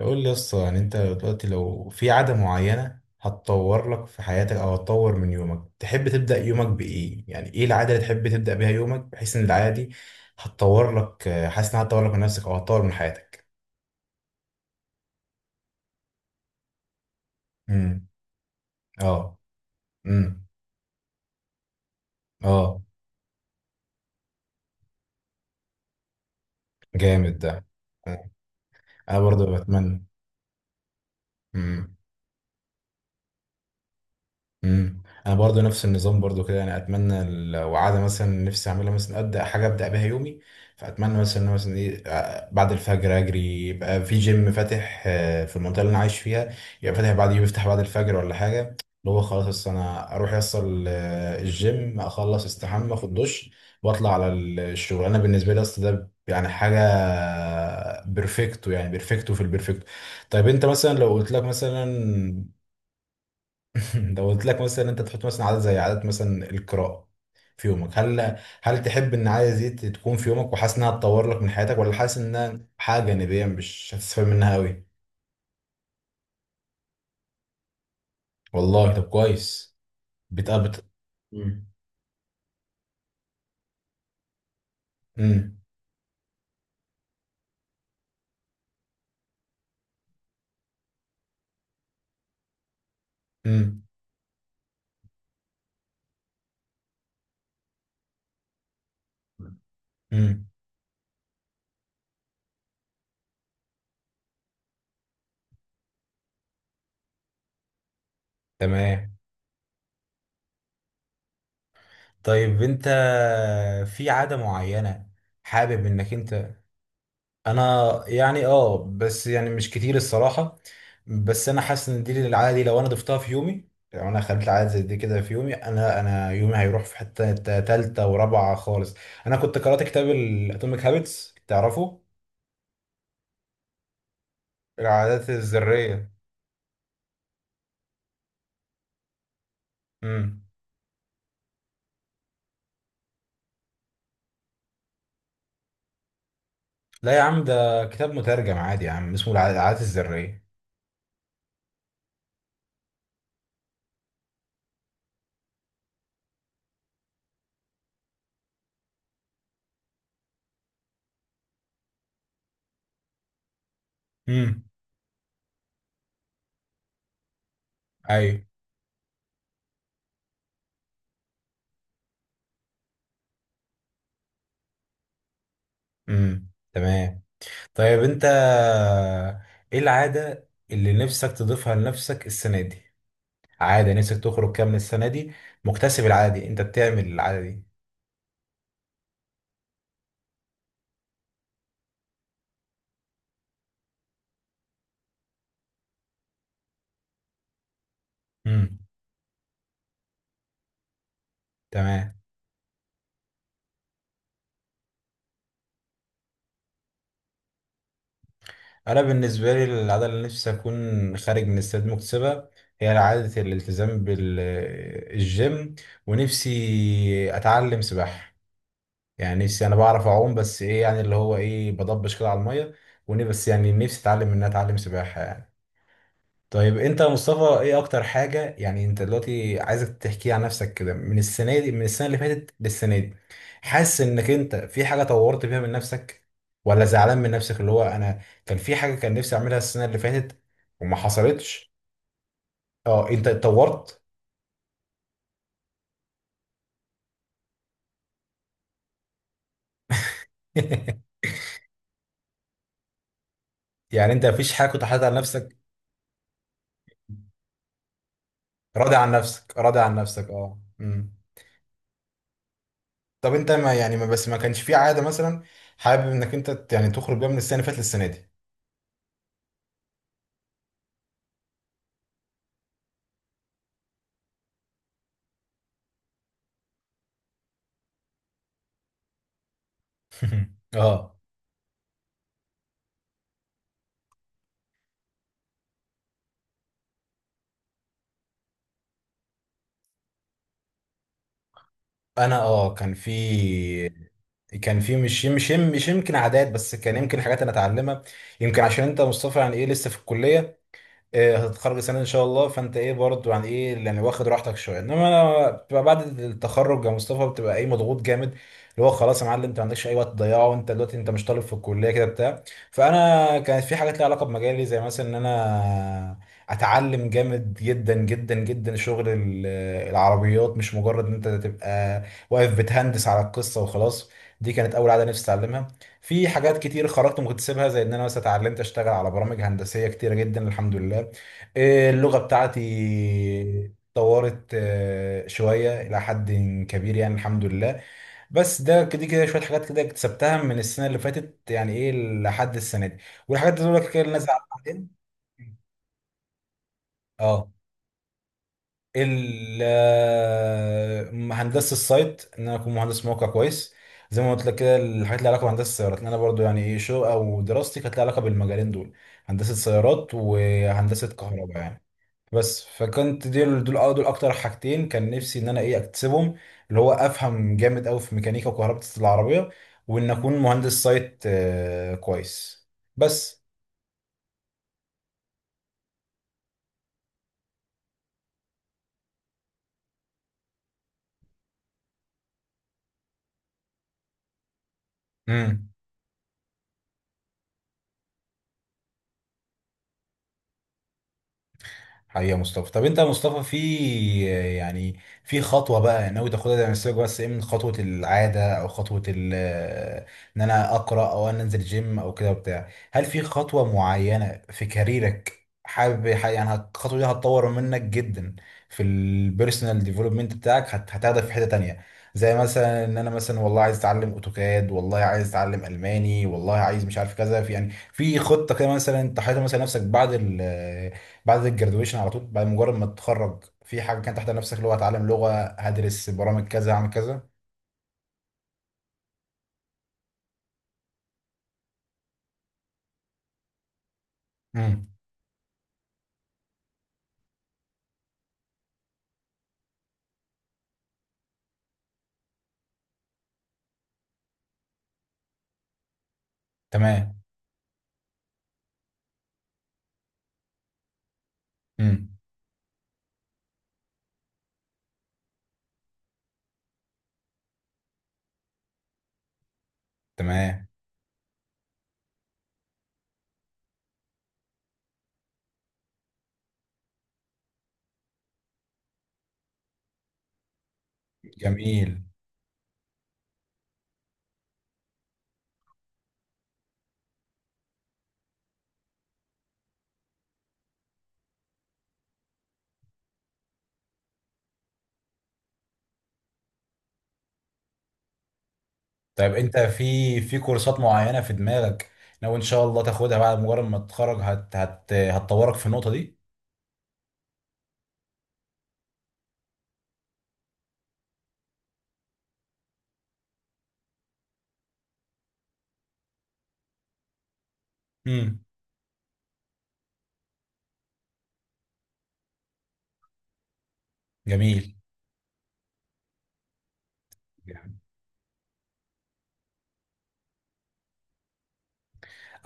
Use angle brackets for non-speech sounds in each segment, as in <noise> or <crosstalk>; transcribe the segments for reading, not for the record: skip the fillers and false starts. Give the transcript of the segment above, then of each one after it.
قول لي يسطا، يعني انت دلوقتي لو في عادة معينة هتطور لك في حياتك او هتطور من يومك، تحب تبدأ يومك بإيه؟ يعني ايه العادة اللي تحب تبدأ بيها يومك بحيث ان العادة دي هتطور لك، حاسس انها هتطور لك من نفسك او هتطور من حياتك؟ امم. اه. امم. اه. جامد ده. انا برضه بتمنى. امم. امم. انا برضو نفس النظام برضو كده، يعني اتمنى لو عاده مثلا نفسي اعملها، مثلا ابدا حاجه ابدا بيها يومي. فاتمنى مثلا إن أنا مثلا ايه بعد الفجر اجري، يبقى في جيم فاتح في المنطقه اللي انا عايش فيها، يبقى فاتح بعد يوم يفتح بعد الفجر ولا حاجه، اللي هو خلاص أصل انا اروح يصل الجيم، اخلص استحمى اخد دش واطلع على الشغل. انا بالنسبه لي اصل ده يعني حاجه بيرفكتو، يعني بيرفكتو في البيرفكتو. طيب انت مثلا لو قلت لك مثلا <laughs> لو قلت لك مثلا انت تحط مثلا عادة زي عادة مثلا القراءة في يومك، هل تحب ان العادة دي تكون في يومك وحاسس انها تطور لك من حياتك، ولا حاسس انها حاجة جانبية مش هتستفاد منها قوي؟ والله طب كويس. بتقبط. امم. امم. امم. تمام. طيب انت، في عادة معينة حابب انك انت؟ انا يعني اه، بس يعني مش كتير الصراحه. بس انا حاسس ان دي العاده دي لو انا ضفتها في يومي، لو انا خليت العاده زي دي كده في يومي، انا يومي هيروح في حته تالته ورابعه خالص. انا كنت قرات كتاب الاتوميك هابتس، تعرفه؟ العادات الذريه. امم. لا يا عم، ده كتاب مترجم عادي يا عم، اسمه العادات الذريه. امم. ايوه. امم. تمام. طيب انت ايه العاده اللي نفسك تضيفها لنفسك السنه دي؟ عادة نفسك تخرج كام من السنة دي مكتسب العادة دي، انت بتعمل العادة دي؟ امم. تمام. انا بالنسبة لي العادة اللي نفسي اكون خارج من السنة دي مكتسبة، هي عادة الالتزام بالجيم. ونفسي اتعلم سباحة. يعني نفسي، انا بعرف اعوم بس ايه، يعني اللي هو ايه، بضبش كده على المية. ونفسي بس، يعني نفسي اتعلم ان أنا اتعلم سباحة يعني. طيب انت يا مصطفى، ايه اكتر حاجة؟ يعني انت دلوقتي عايزك تحكي عن نفسك كده، من السنة دي، من السنة اللي فاتت للسنة دي، حاسس انك انت في حاجة طورت بيها من نفسك، ولا زعلان من نفسك، اللي هو انا كان في حاجة كان نفسي اعملها السنة اللي فاتت وما حصلتش؟ اه، انت اتطورت؟ <laughs> يعني انت مفيش حاجة كنت حاططها على نفسك؟ راضي عن نفسك، راضي عن نفسك. اه. امم. طب انت، ما يعني، ما بس، ما كانش في عادة مثلا حابب انك انت يعني تخرج بيها من السنة اللي فاتت للسنة دي؟ <laughs> اه. انا اه، كان في، مش يمكن عادات، بس كان يمكن حاجات انا اتعلمها. يمكن عشان انت يا مصطفى يعني ايه لسه في الكليه، إيه، هتتخرج السنه دي ان شاء الله، فانت ايه برضه، يعني ايه يعني واخد راحتك شويه، انما انا بتبقى بعد التخرج يا مصطفى، بتبقى ايه، مضغوط جامد، اللي هو خلاص يا معلم انت ما عندكش اي وقت تضيعه، وانت دلوقتي انت مش طالب في الكليه كده بتاع. فانا كانت في حاجات ليها علاقه بمجالي، زي مثلا ان انا اتعلم جامد جدا جدا جدا شغل العربيات، مش مجرد ان انت تبقى واقف بتهندس على القصه وخلاص. دي كانت اول عاده نفسي اتعلمها. في حاجات كتير خرجت وما كنت سيبها، زي ان انا مثلا اتعلمت اشتغل على برامج هندسيه كتيره جدا الحمد لله. اللغه بتاعتي اتطورت شويه الى حد كبير يعني الحمد لله. بس ده كده كده شويه حاجات كده اكتسبتها من السنه اللي فاتت، يعني ايه، لحد السنه دي. والحاجات دي دول كده لازم أعمل عليها. اه. ال- آه، هندسه السايت، ان انا اكون مهندس موقع كويس، زي ما قلت لك كده، الحاجات اللي علاقه بهندسه السيارات، لأن انا برضو يعني ايه شغل او دراستي كانت لها علاقه بالمجالين دول: هندسه سيارات وهندسه كهرباء يعني. بس فكنت دول اكتر حاجتين كان نفسي ان انا ايه اكتسبهم، اللي هو افهم جامد قوي في ميكانيكا وكهرباء العربيه، وان اكون مهندس سايت كويس. بس. مم. حقيقة يا مصطفى. طب انت يا مصطفى في، يعني في خطوة بقى ناوي تاخدها زي ما سيبك بس ايه، من خطوة العادة او خطوة ان انا اقرأ او انا انزل جيم او كده وبتاع، هل في خطوة معينة في كاريرك حابب يعني الخطوة دي هتطور منك جدا في البيرسونال ديفلوبمنت بتاعك، هتاخدك في حتة تانية؟ زي مثلا ان انا مثلا والله عايز اتعلم اوتوكاد، والله عايز اتعلم الماني، والله عايز مش عارف كذا، في يعني في خطة كده مثلا انت حاططها مثلا نفسك بعد، بعد الجرادويشن على طول، بعد مجرد ما تتخرج، في حاجه كانت تحت نفسك اللي هو هتعلم لغه، هدرس برامج كذا، هعمل كذا؟ امم. تمام. امم. تمام. جميل. طيب انت في في كورسات معينه في دماغك لو ان شاء الله تاخدها بعد مجرد ما تتخرج هت هت هتطورك في النقطه دي؟ امم. جميل.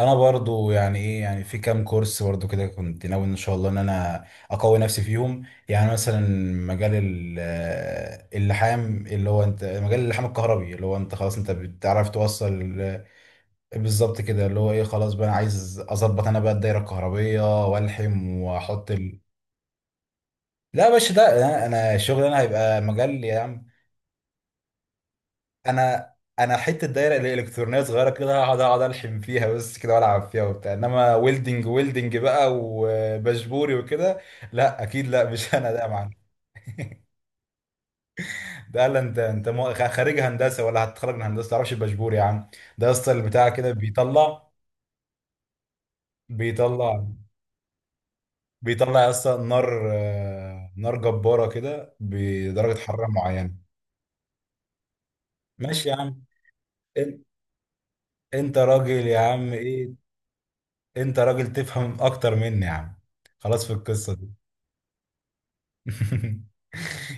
انا برضو يعني ايه، يعني في كام كورس برضو كده كنت ناوي ان شاء الله ان انا اقوي نفسي فيهم، يعني مثلا مجال اللحام، اللي هو انت مجال اللحام الكهربي، اللي هو انت خلاص انت بتعرف توصل بالظبط كده، اللي هو ايه خلاص بقى انا عايز اظبط انا بقى الدايره الكهربيه والحم واحط لا يا باشا، ده انا، أنا الشغل انا هيبقى مجال يا عم. انا انا حته دايره الالكترونيه صغيره كده هقعد، اقعد الحم فيها بس كده والعب فيها وبتاع، انما ويلدنج ويلدنج بقى وبشبوري وكده لا اكيد لا مش <laughs> انا ده يا معلم. ده لا، انت انت خريج هندسه ولا هتتخرج من هندسه، تعرفش البشبوري يا عم؟ ده يا اسطى البتاع كده بيطلع، بيطلع، بيطلع يا اسطى نار نار جباره كده بدرجه حراره معينه. ماشي يا عم. إن- انت راجل يا عم ايه، انت راجل تفهم اكتر مني يا عم، خلاص في القصه دي. <laughs>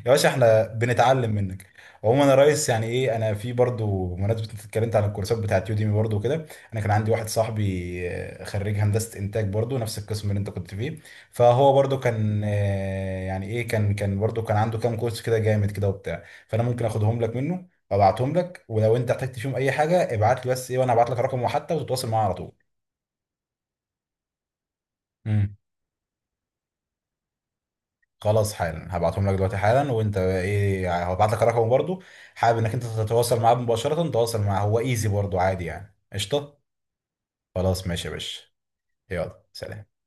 يا باشا احنا بنتعلم منك. عموما يا ريس يعني ايه، انا في برضو بمناسبة انت اتكلمت عن الكورسات بتاعت يوديمي برضو وكده، انا كان عندي واحد صاحبي خريج هندسة انتاج، برضو نفس القسم اللي انت كنت فيه، فهو برضو كان يعني ايه كان برضو كان عنده كام كورس كده جامد كده وبتاع، فانا ممكن اخدهم لك منه، ابعتهم لك، ولو انت احتجت فيهم اي حاجة ابعت لي، بس ايه وانا هبعت لك رقمه حتى وتتواصل معاه على طول. خلاص حالا هبعتهم لك دلوقتي حالا، وانت بقى ايه يعني هبعت لك رقمه برضو، حابب انك انت تتواصل معاه مباشرة، تواصل معاه هو ايزي برضو عادي يعني قشطة. خلاص ماشي يا باشا. يلا سلام.